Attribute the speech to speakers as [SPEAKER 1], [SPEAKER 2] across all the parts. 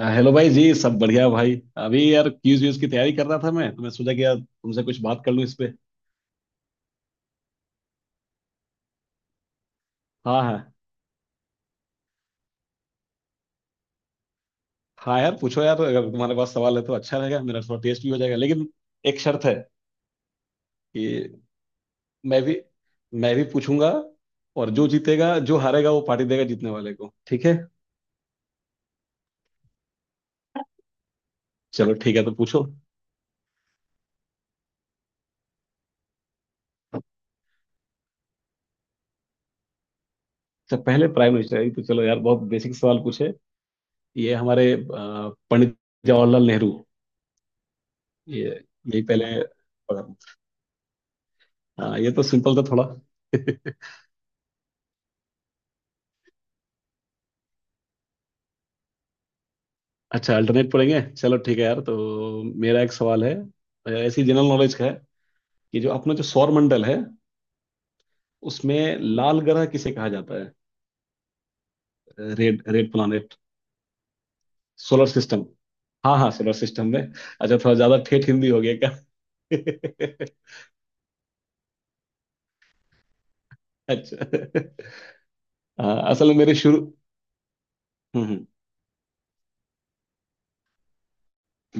[SPEAKER 1] Hello भाई जी, सब बढ़िया। भाई अभी यार क्यूज व्यूज की तैयारी कर रहा था, मैं तो मैं सोचा कि यार तुमसे कुछ बात कर लूँ इस पे। हाँ हाँ। हाँ यार पूछो यार, अगर तुम्हारे पास सवाल है तो अच्छा रहेगा, मेरा थोड़ा टेस्ट भी हो जाएगा। लेकिन एक शर्त है कि मैं भी मैं भी पूछूंगा, और जो जीतेगा जो हारेगा वो पार्टी देगा जीतने वाले को, ठीक है। चलो ठीक है, तो पूछो। अच्छा पहले प्राइम मिनिस्टर है, तो चलो यार बहुत बेसिक सवाल पूछे। ये हमारे पंडित जवाहरलाल नेहरू। ये, यही पहले। हाँ, ये तो सिंपल था थोड़ा। अच्छा अल्टरनेट पढ़ेंगे, चलो ठीक है यार, तो मेरा एक सवाल है। ऐसी जनरल नॉलेज का है कि जो अपना जो सौर मंडल है उसमें लाल ग्रह किसे कहा जाता है। Red red planet. Solar system. हाँ हाँ, सोलर सिस्टम में। अच्छा थोड़ा ज्यादा ठेठ हिंदी हो गया क्या। अच्छा। हाँ असल में मेरे शुरू। हम्म हम्म,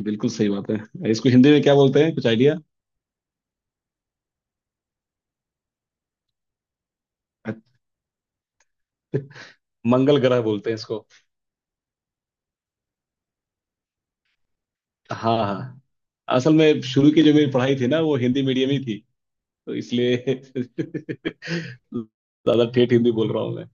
[SPEAKER 1] बिल्कुल सही बात है। इसको हिंदी में क्या बोलते हैं, कुछ आइडिया। मंगल ग्रह बोलते हैं इसको। हाँ हाँ, असल में शुरू की जो मेरी पढ़ाई थी ना वो हिंदी मीडियम ही थी, तो इसलिए ज्यादा ठेठ हिंदी बोल रहा हूँ मैं।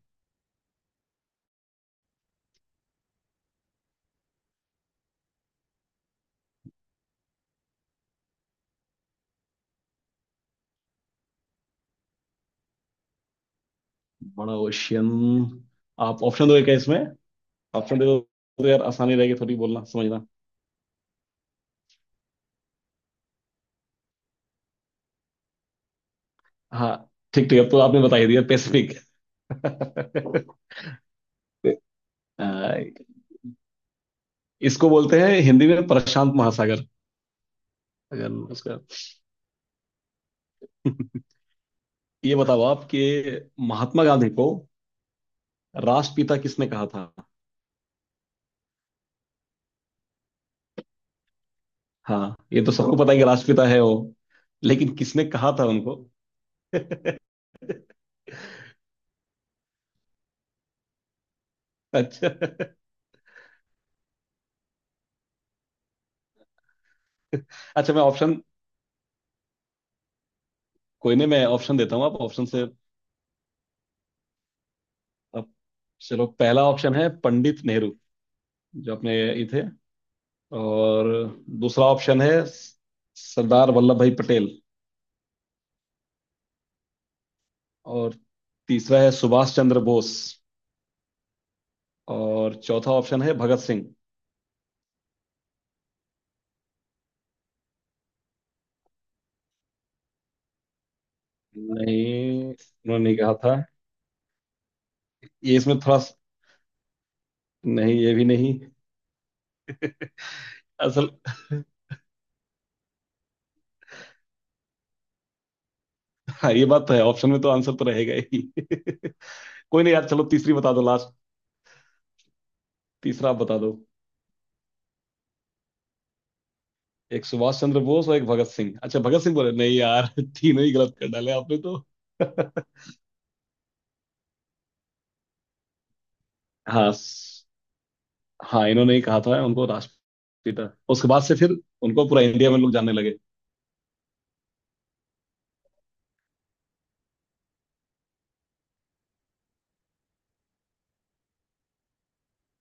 [SPEAKER 1] बड़ा ओशियन, आप ऑप्शन दोगे क्या इसमें, ऑप्शन दे दो तो यार आसानी रहेगी थोड़ी बोलना समझना। हाँ ठीक ठीक, अब तो आपने बता ही दिया, पैसिफिक। आ, इसको बोलते हैं हिंदी में प्रशांत महासागर। अगर उसका, ये बताओ आप कि महात्मा गांधी को राष्ट्रपिता किसने कहा था। हाँ ये तो सबको पता है कि राष्ट्रपिता है वो, लेकिन किसने कहा था उनको। अच्छा। अच्छा मैं ऑप्शन, कोई नहीं मैं ऑप्शन देता हूँ, आप ऑप्शन से। आप, चलो पहला ऑप्शन है पंडित नेहरू, जो अपने ये थे। और दूसरा ऑप्शन है स- सरदार वल्लभ भाई पटेल। और तीसरा है सुभाष चंद्र बोस। और चौथा ऑप्शन है भगत सिंह। नहीं उन्होंने नहीं कहा था। ये इसमें थोड़ा स-, नहीं ये भी नहीं। असल, हाँ ये बात तो है, ऑप्शन में तो आंसर तो रहेगा ही। कोई नहीं यार, चलो तीसरी बता दो लास्ट। तीसरा आप बता दो। एक सुभाष चंद्र बोस और एक भगत सिंह, अच्छा भगत सिंह बोले नहीं यार। तीनों ही गलत कर डाले आपने तो। हाँ स-, हाँ इन्होंने ही कहा था उनको राष्ट्रपिता, उसके बाद से फिर उनको पूरा इंडिया में लोग जानने लगे।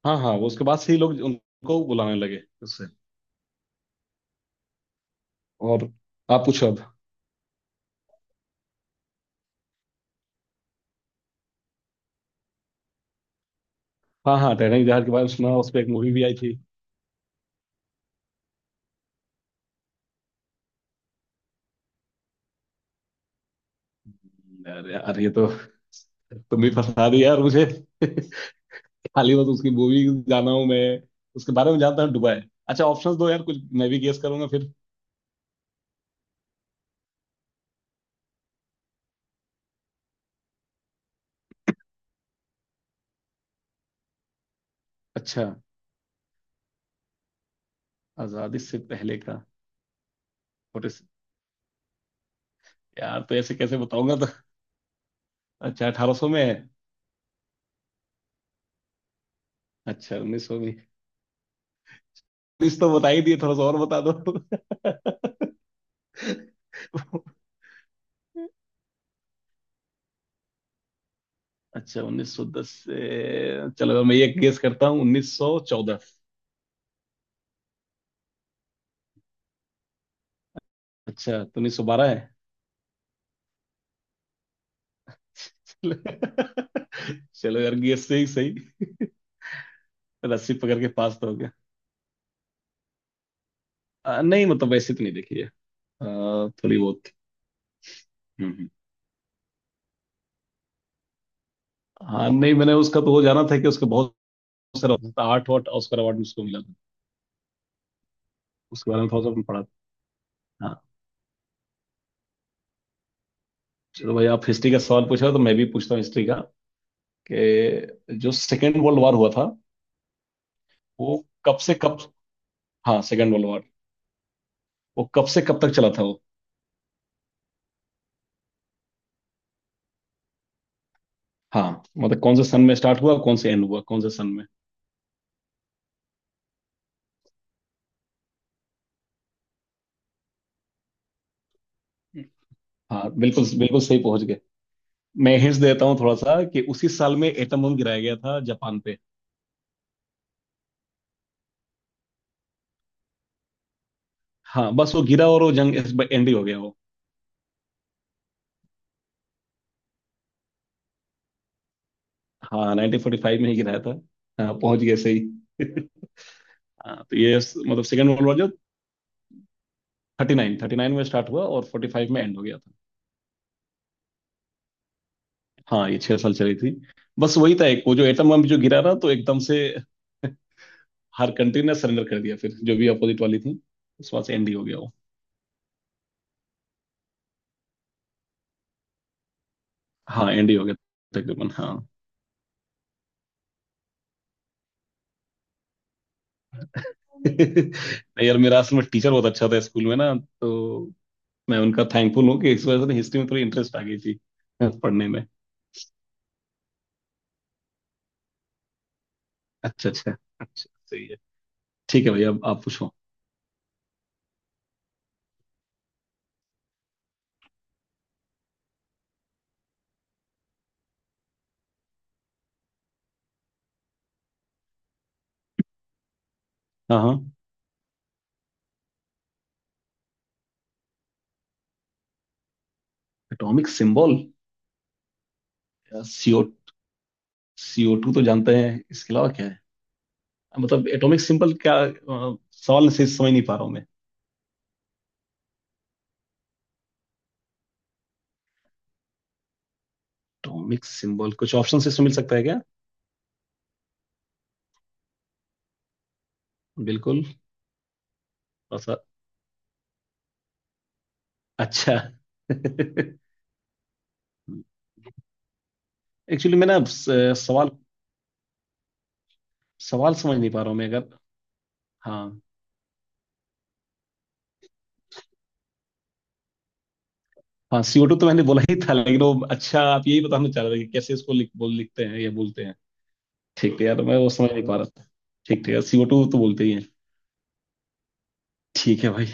[SPEAKER 1] हाँ हाँ, वो उसके बाद से ही लोग उनको बुलाने लगे उससे। और आप पूछो अब। हाँ हाँ, टैनिंग जहाज के बारे में सुना, उस पर एक मूवी भी आई थी। अरे यार ये तो, तुम भी फंसा दी यार मुझे। खाली बस उसकी मूवी जाना हूँ मैं, उसके बारे में जानता हूँ दुबई। अच्छा ऑप्शंस दो यार कुछ, मैं भी गेस करूंगा फिर। अच्छा आजादी से पहले का। और इस, यार तो ऐसे कैसे बताऊंगा तो। अच्छा 1800 में है। अच्छा 1900 भी, उन्नीस तो बता ही दिए थोड़ा सा और बता दो। अच्छा 1910 से, चलो मैं ये गेस करता हूँ 1914। अच्छा तो 1912 है। चलो, चलो यार गेस से ही सही, रस्सी पकड़ के पास तो हो गया। नहीं मतलब वैसे तो नहीं देखी है, थोड़ी बहुत। हम्म हम्म। हाँ नहीं मैंने उसका तो वो जाना था कि उसके बहुत सारा आठ वाट ऑस्कर अवार्ड उसको मिला था, उसके बारे में थोड़ा सा पढ़ा था। हाँ। चलो भाई आप हिस्ट्री का सवाल पूछा तो मैं भी पूछता हूँ हिस्ट्री का, कि जो सेकेंड वर्ल्ड वॉर हुआ था वो कब से कब। हाँ सेकेंड वर्ल्ड वॉर, वो कब से कब तक चला था वो। हाँ मतलब कौन से सन में स्टार्ट हुआ, कौन से एंड हुआ कौन से सन में। हाँ बिल्कुल बिल्कुल सही पहुंच गए। मैं हिंट देता हूँ थोड़ा सा कि उसी साल में एटम बम गिराया गया था जापान पे। हाँ बस वो गिरा और वो जंग एंड ही हो गया वो। हाँ 1945 में ही गिराया था। हाँ पहुंच गए सही। हाँ तो ये स- मतलब सेकेंड वर्ल्ड वॉर जो 39 में स्टार्ट हुआ और 45 में एंड हो गया था। हाँ ये 6 साल चली थी। बस वही था एक वो, जो एटम बम जो गिरा ना तो एकदम से हर कंट्री ने सरेंडर कर दिया फिर जो भी अपोजिट वाली थी, उस वहां से एंड ही हो गया वो। हाँ एंड ही हो गया तकरीबन, हाँ। नहीं यार मेरा असल में टीचर बहुत अच्छा था स्कूल में ना, तो मैं उनका थैंकफुल हूँ कि इस वजह से हिस्ट्री में थोड़ी इंटरेस्ट आ गई थी पढ़ने में। अच्छा अच्छा, अच्छा सही है। ठीक है भैया, अब आप पूछो। हाँ हाँ। Atomic symbol C O, C O two तो जानते हैं, इसके अलावा क्या है, मतलब एटॉमिक सिंबल क्या, सवाल से समझ नहीं पा रहा हूँ। एटॉमिक सिंबल, कुछ ऑप्शन इसमें मिल सकता है क्या। बिल्कुल, थोड़ा सा। अच्छा। एक्चुअली मैं ना स-, सवाल, सवाल समझ नहीं पा रहा हूँ मैं, अगर। हाँ। हाँ सीओ टू तो मैंने बोला ही था, लेकिन वो अच्छा आप यही बताना चाह रहे थे कि कैसे इसको लिख बोल लिखते हैं या बोलते हैं। ठीक है यार मैं वो समझ नहीं पा रहा था। ठीक है सीओ टू तो बोलते ही हैं। ठीक है भाई।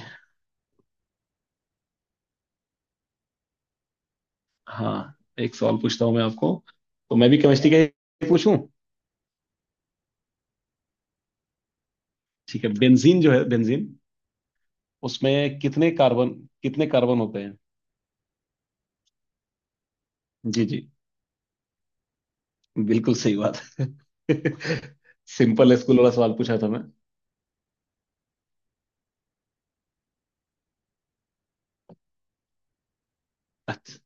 [SPEAKER 1] हाँ, एक सवाल पूछता हूँ मैं आपको, तो मैं भी केमिस्ट्री का ही पूछूं। ठीक है, बेंजीन जो है, बेंजीन, उसमें कितने कार्बन, कितने कार्बन होते हैं। जी जी, बिल्कुल सही बात है। सिंपल स्कूल वाला सवाल पूछा था मैं। अच्छा।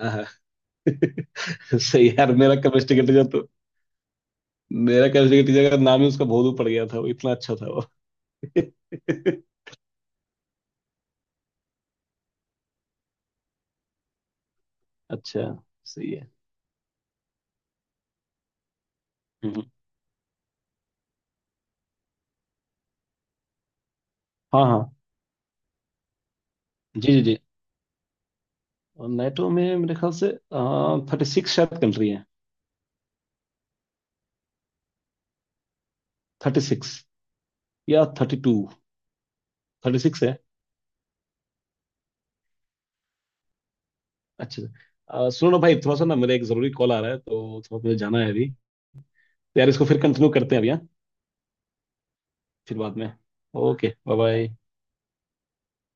[SPEAKER 1] हाँ हाँ, सही है यार। मेरा केमिस्ट्री का टीचर तो, मेरा केमिस्ट्री का टीचर का नाम ही उसका भोलू पड़ गया था, वो इतना अच्छा था वो। अच्छा सही है। हम्म, हाँ हाँ। जी जी जी, और नेटो में मेरे ख्याल से 36 शायद कंट्री है। 36, या 32, 36 है। अच्छा सुनो ना भाई, थोड़ा सा ना मेरा एक जरूरी कॉल आ रहा है तो थोड़ा मुझे जाना है अभी। तो यार इसको फिर कंटिन्यू करते हैं, अभी हाँ, फिर बाद में। Okay, bye bye.